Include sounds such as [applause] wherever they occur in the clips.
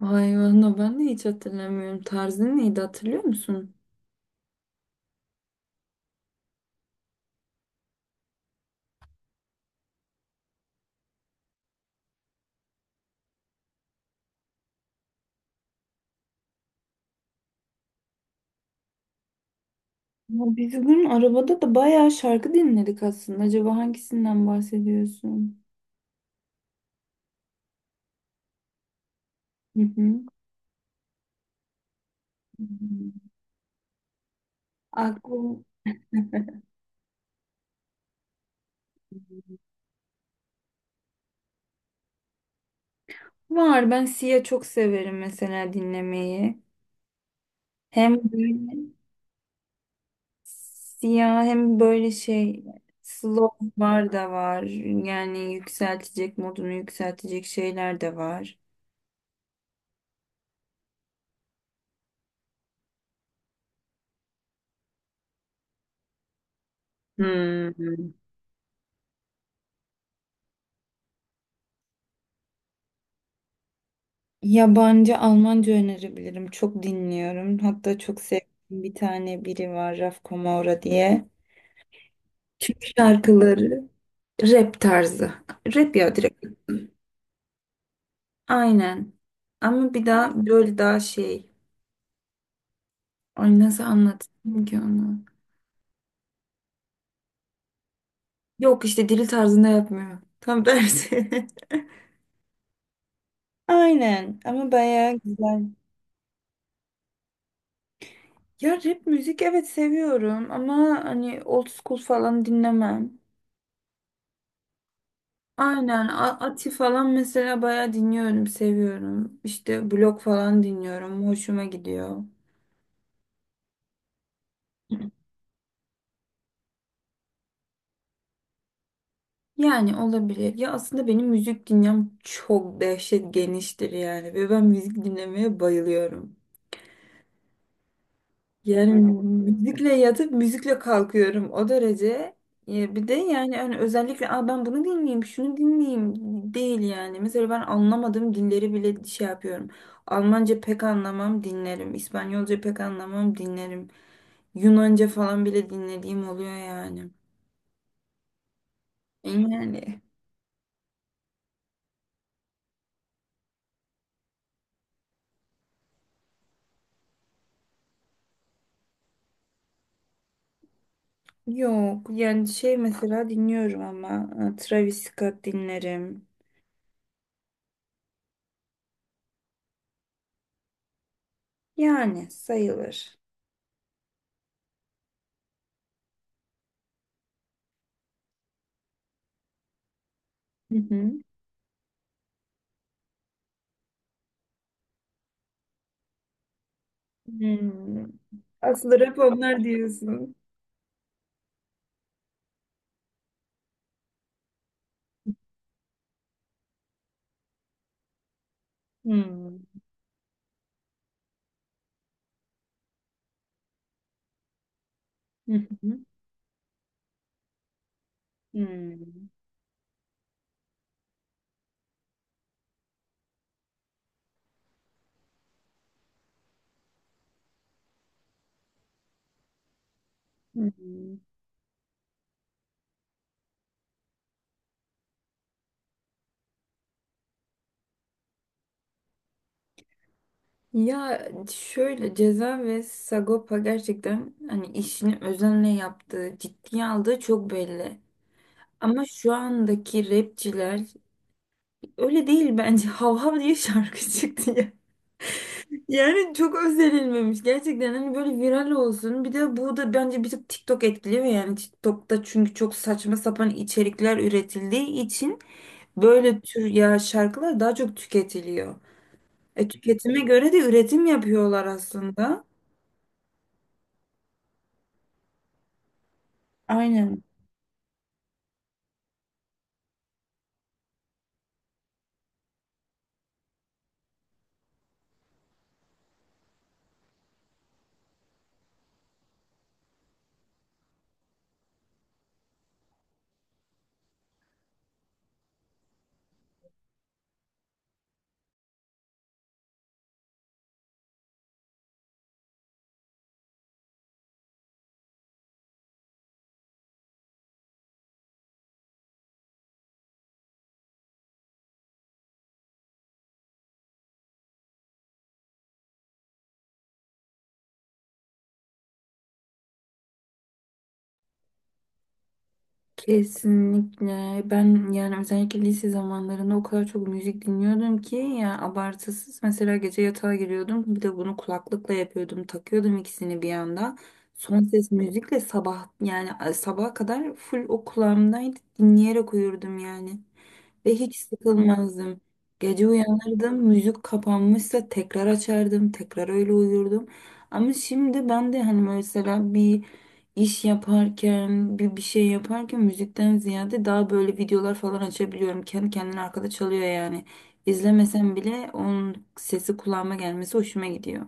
Vay valla ben de hiç hatırlamıyorum. Tarzın neydi hatırlıyor musun? Ya biz bugün arabada da bayağı şarkı dinledik aslında. Acaba hangisinden bahsediyorsun? Hı hı. Aklım var. Ben Sia çok severim mesela dinlemeyi. Hem böyle Sia hem böyle şey slow var da var. Yani yükseltecek modunu yükseltecek şeyler de var. Hmm. Yabancı Almanca önerebilirim. Çok dinliyorum. Hatta çok sevdiğim bir tane biri var, Raf Kamora diye. Türk şarkıları rap tarzı. Rap ya, direkt. Aynen. Ama bir daha böyle daha şey. Ay, nasıl anlatayım ki onu? Yok işte dili tarzında yapmıyor. Tam tersi. [laughs] Aynen, ama bayağı güzel. Ya rap müzik evet seviyorum ama hani old school falan dinlemem. Aynen, Ati falan mesela bayağı dinliyorum, seviyorum. İşte blok falan dinliyorum, hoşuma gidiyor. Yani olabilir. Ya aslında benim müzik dinlem çok dehşet geniştir yani, ve ben müzik dinlemeye bayılıyorum. Yani müzikle yatıp müzikle kalkıyorum o derece. Ya bir de yani hani özellikle, aa, ben bunu dinleyeyim, şunu dinleyeyim değil yani. Mesela ben anlamadığım dilleri bile şey yapıyorum. Almanca pek anlamam, dinlerim. İspanyolca pek anlamam, dinlerim. Yunanca falan bile dinlediğim oluyor yani. Yani yok yani şey mesela dinliyorum, ama Travis Scott dinlerim. Yani sayılır. Hı hı. Hmm. Aslında rap onlar diyorsun. Hmm. Hı hı. Hmm. Hı hı. Ya şöyle, Ceza ve Sagopa gerçekten hani işini özenle yaptığı, ciddiye aldığı çok belli. Ama şu andaki rapçiler öyle değil bence. [laughs] Hav hav diye şarkı çıktı ya. Yani çok özerilmemiş. Gerçekten hani böyle viral olsun. Bir de bu da bence bir tık TikTok etkiliyor yani. TikTok'ta çünkü çok saçma sapan içerikler üretildiği için böyle tür ya şarkılar daha çok tüketiliyor. Tüketime göre de üretim yapıyorlar aslında. Aynen. Kesinlikle. Ben yani özellikle lise zamanlarında o kadar çok müzik dinliyordum ki ya, abartısız. Mesela gece yatağa giriyordum. Bir de bunu kulaklıkla yapıyordum. Takıyordum ikisini bir anda. Son ses müzikle sabah, yani sabaha kadar full o kulağımdaydı. Dinleyerek uyurdum yani. Ve hiç sıkılmazdım. Gece uyanırdım, müzik kapanmışsa tekrar açardım, tekrar öyle uyurdum. Ama şimdi ben de hani mesela bir iş yaparken, bir şey yaparken müzikten ziyade daha böyle videolar falan açabiliyorum. Kendi kendine arkada çalıyor yani. İzlemesem bile onun sesi kulağıma gelmesi hoşuma gidiyor.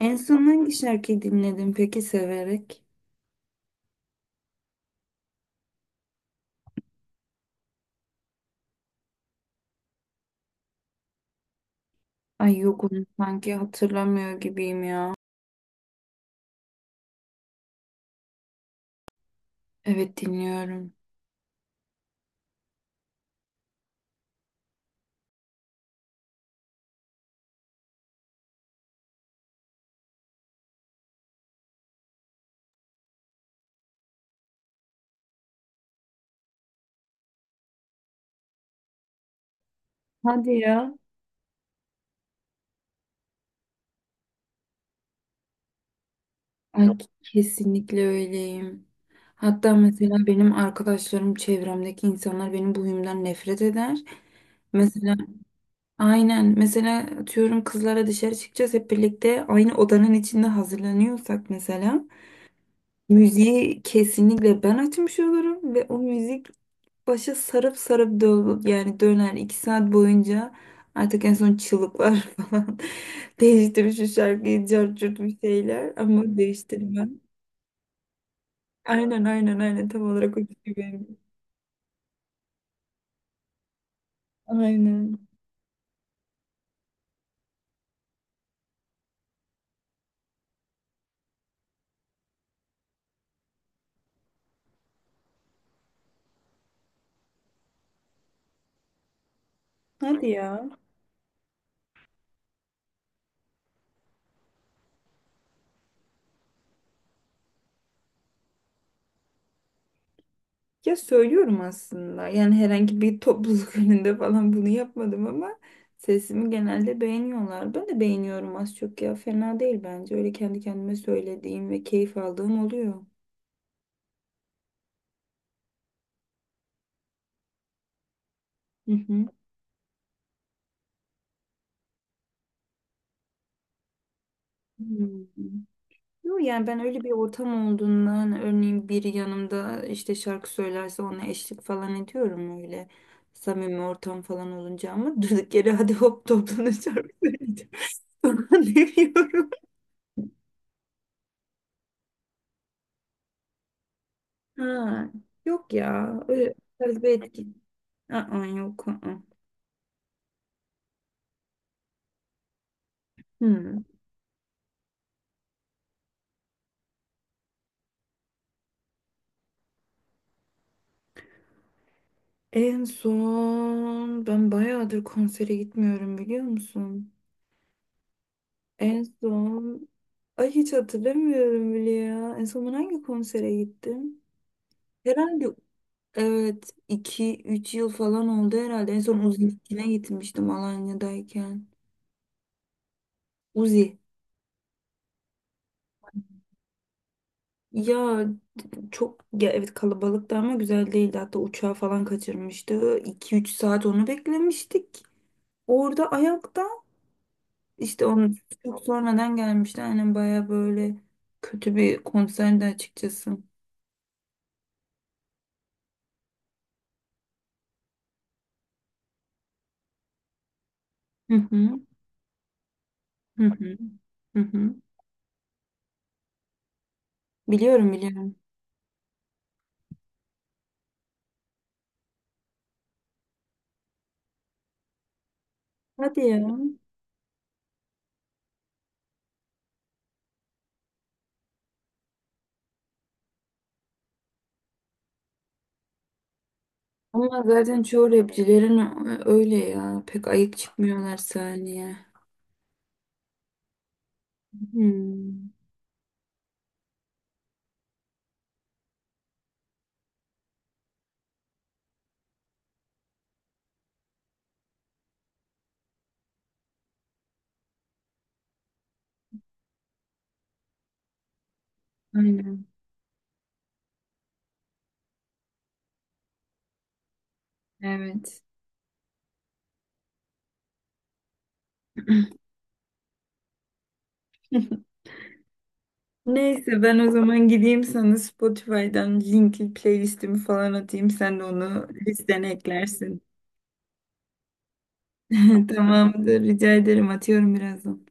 En son hangi şarkıyı dinledin peki, severek? Ay yok, onu sanki hatırlamıyor gibiyim ya. Evet dinliyorum. Hadi ya. Ay, kesinlikle öyleyim. Hatta mesela benim arkadaşlarım, çevremdeki insanlar benim bu huyumdan nefret eder. Mesela aynen, mesela atıyorum kızlara dışarı çıkacağız, hep birlikte aynı odanın içinde hazırlanıyorsak mesela müziği kesinlikle ben açmış olurum, ve o müzik başa sarıp sarıp dö yani döner iki saat boyunca, artık en son çığlıklar [laughs] falan değiştirir şu şarkıyı cart curt bir şeyler, ama değiştirmem. Aynen, aynen, aynen, tam olarak o kişi benim. Aynen. Hadi ya. Ya söylüyorum aslında. Yani herhangi bir topluluk [laughs] önünde falan bunu yapmadım, ama sesimi genelde beğeniyorlar. Ben de beğeniyorum az çok ya. Fena değil bence. Öyle kendi kendime söylediğim ve keyif aldığım oluyor. Hı hı. Hmm. Yok yani ben öyle bir ortam olduğundan, örneğin biri yanımda işte şarkı söylerse ona eşlik falan ediyorum, öyle samimi ortam falan olunca. Ama [laughs] durduk yere hadi hop toplanın şarkı söyleyeceğim [laughs] falan demiyorum. Ha, yok ya öyle tarz bir etki. Aa, yok. Aa. Hmm. En son ben bayağıdır konsere gitmiyorum, biliyor musun? En son, ay hiç hatırlamıyorum bile ya. En son ben hangi konsere gittim? Herhalde evet, iki üç yıl falan oldu herhalde. En son Uzi'ninkine gitmiştim Alanya'dayken. Uzi. Ya çok ya, evet kalabalıktı ama güzel değildi. Hatta uçağı falan kaçırmıştı. 2 üç saat onu beklemiştik. Orada ayakta işte onu çok sonradan gelmişti. Aynen, baya böyle kötü bir konserdi açıkçası. Hı hı. Hı hı. Hı hı. Biliyorum, biliyorum. Hadi ya. Ama zaten çoğu rapçilerin öyle ya. Pek ayık çıkmıyorlar sahneye. Hmm, aynen. Evet. [laughs] Neyse, ben o zaman gideyim sana Spotify'dan linkli playlistimi falan atayım. Sen de onu listene eklersin. [laughs] Tamamdır. Rica ederim. Atıyorum birazdan.